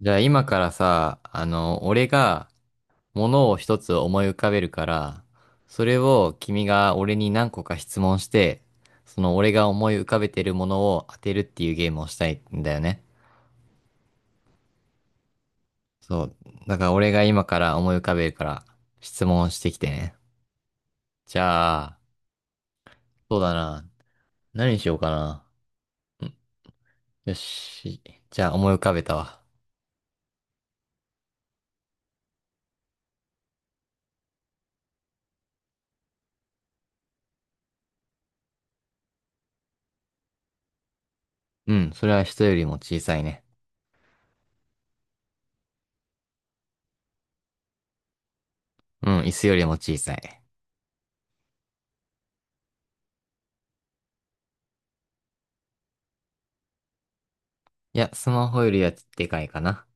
じゃあ今からさ、俺が物を一つ思い浮かべるから、それを君が俺に何個か質問して、その俺が思い浮かべてるものを当てるっていうゲームをしたいんだよね。そう。だから俺が今から思い浮かべるから質問してきてね。じゃあ、そうだな。何にしようかな。うんよし。じゃあ思い浮かべたわ。うん、それは人よりも小さいね。うん、椅子よりも小さい。いや、スマホよりはでかいかな。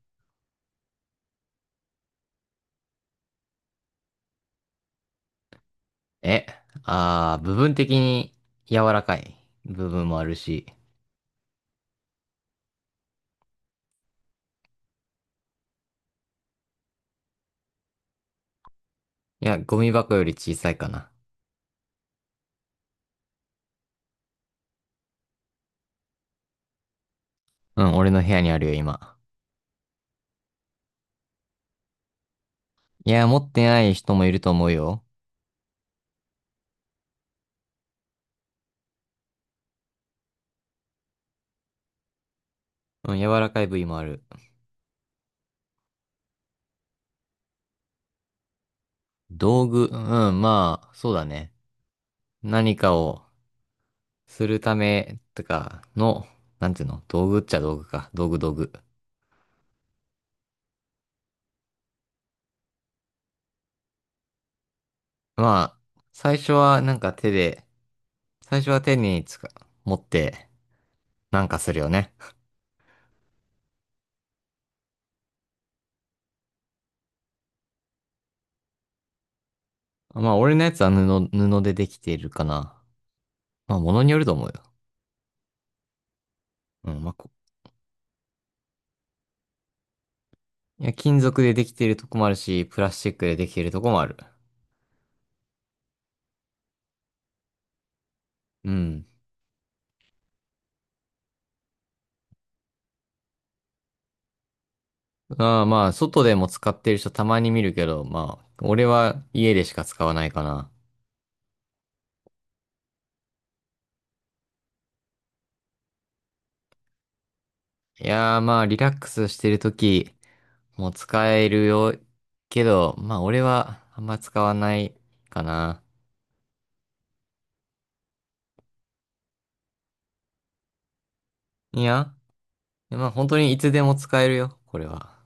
え、あー、部分的に柔らかい部分もあるし。いや、ゴミ箱より小さいかな。うん、俺の部屋にあるよ、今。いや、持ってない人もいると思うよ。うん、柔らかい部位もある。道具、うん、まあ、そうだね。何かをするためとかの、なんていうの道具っちゃ道具か。道具道具。まあ、最初はなんか手で、最初は手につか、持ってなんかするよね。まあ、俺のやつは布でできているかな。まあ、ものによると思うよ。うん、まあ、こいや、金属でできてるとこもあるし、プラスチックでできてるとこもある。うん。ああ、まあ、外でも使ってる人たまに見るけど、まあ、俺は家でしか使わないかな。いやー、まあ、リラックスしてるときも使えるよ。けど、まあ、俺はあんま使わないかな。いや、まあ、本当にいつでも使えるよ、これは。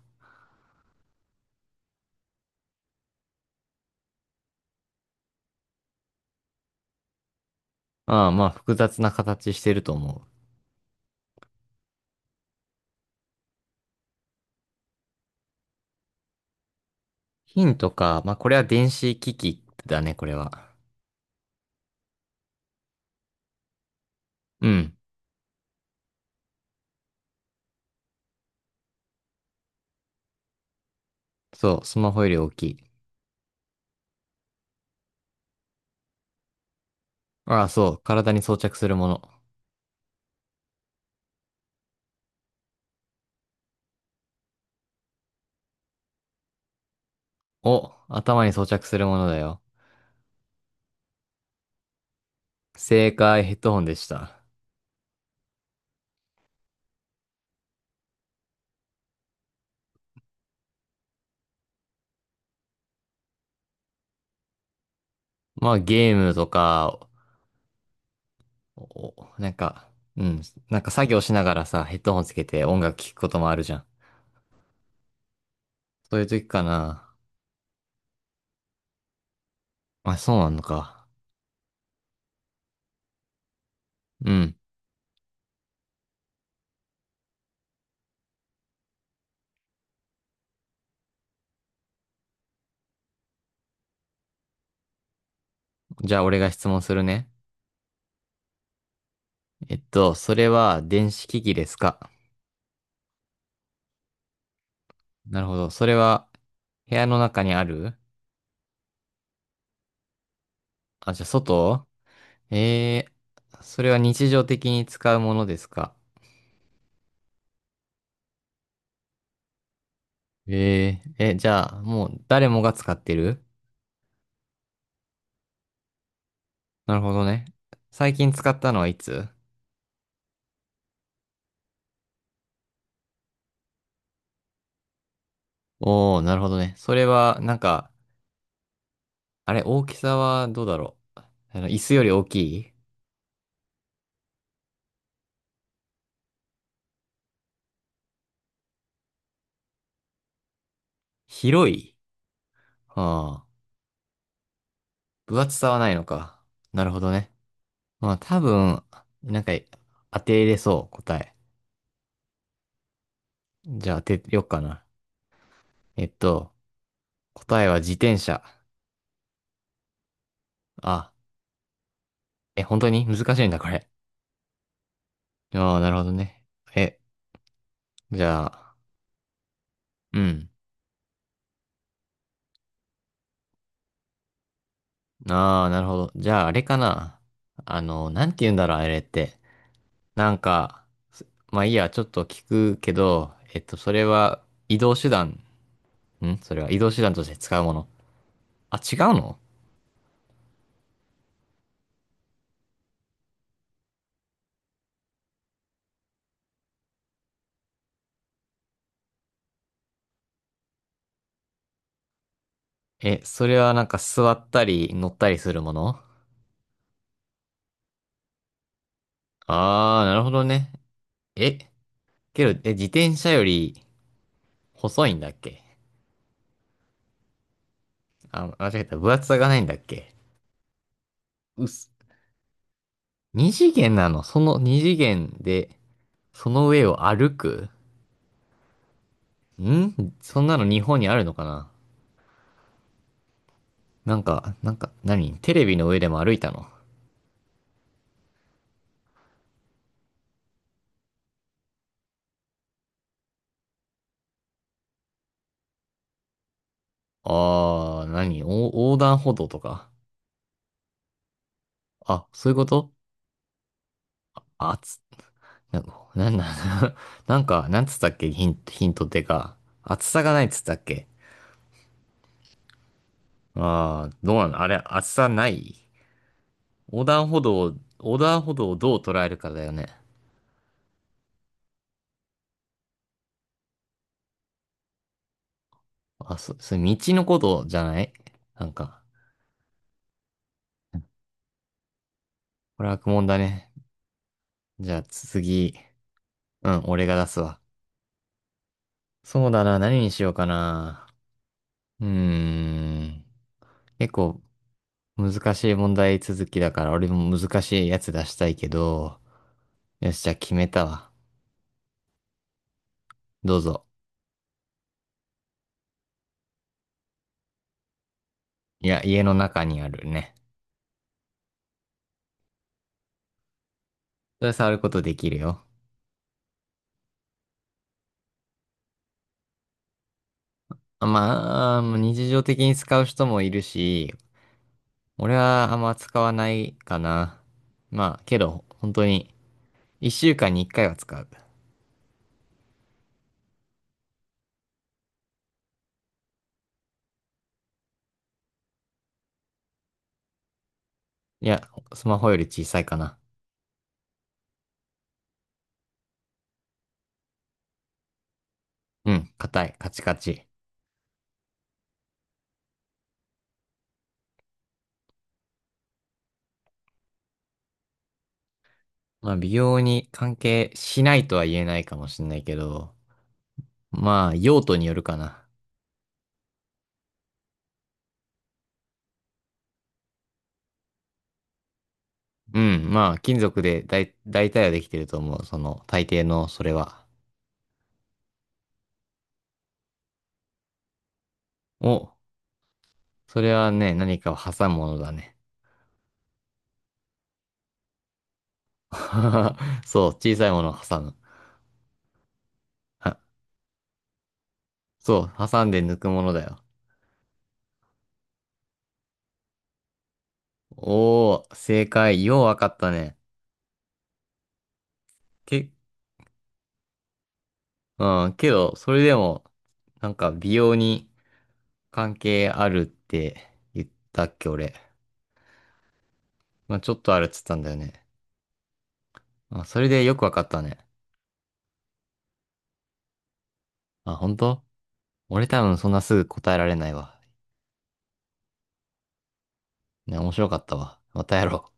ああ、まあ、複雑な形してると思う。金とか、まあ、これは電子機器だね、これは。うん。そう、スマホより大きい。ああ、そう、体に装着するもの。お、頭に装着するものだよ。正解、ヘッドホンでした。まあ、ゲームとか、お、なんか、うん、なんか作業しながらさ、ヘッドホンつけて音楽聴くこともあるじゃん。そういう時かな。あ、そうなのか。うん。じゃあ、俺が質問するね。それは電子機器ですか？なるほど。それは、部屋の中にある？あ、じゃあ、外。えそれは日常的に使うものですか？じゃあ、もう誰もが使ってる？なるほどね。最近使ったのはいつ？おー、なるほどね。それは、なんか、あれ、大きさはどうだろう。あの、椅子より大きい？広い？はあ、分厚さはないのか。なるほどね。まあ、多分、なんか、当てれそう、答え。じゃあ当てよっかな。えっと、答えは自転車。あ、え、本当に難しいんだ、これ。ああ、なるほどね。え、じゃあ、うん。ああ、なるほど。じゃあ、あれかな。あの、なんて言うんだろう、あれって。なんか、すまあいいや、ちょっと聞くけど、えっと、それは移動手段。それは移動手段として使うもの？あ、違うの？え、それはなんか座ったり乗ったりするもの？ああー、なるほどね。え、けど、自転車より細いんだっけ？あ、間違えた。分厚さがないんだっけ？うっす。二次元なの？その二次元で、その上を歩く？そんなの日本にあるのかな？なんか、なんか、何テレビの上でも歩いたの？あー、横断歩道とか？あ、そういうこと？あつ、な、なんだ。なんか、なんつったっけ？ヒント、ヒントってか。厚さがないっつったっけ？あー、どうなのあれ、厚さない？横断歩道を、横断歩道をどう捉えるかだよね。それ道のことじゃない？なんか、これ悪問だね。じゃあ次。うん、俺が出すわ。そうだな、何にしようかな。うーん。結構難しい問題続きだから、俺も難しいやつ出したいけど、よし、じゃあ決めたわ。どうぞ。いや、家の中にあるね。それ触ることできるよ。あ、まあ、日常的に使う人もいるし、俺はあんま使わないかな。まあ、けど、本当に、一週間に一回は使う。いや、スマホより小さいかな。うん、硬い、カチカチ。まあ、美容に関係しないとは言えないかもしれないけど、まあ、用途によるかな。うん、まあ、金属で大体はできてると思う。その、大抵の、それは。お、それはね、何かを挟むものだね。そう、小さいものを挟む。あ、そう、挟んで抜くものだよ。おー、正解。ようわかったね。け、うん、けど、それでも、なんか、美容に関係あるって言ったっけ、俺。まあ、ちょっとあるっつったんだよね。あ、それでよくわかったね。あ、本当？俺多分そんなすぐ答えられないわ。ね、面白かったわ。またやろう。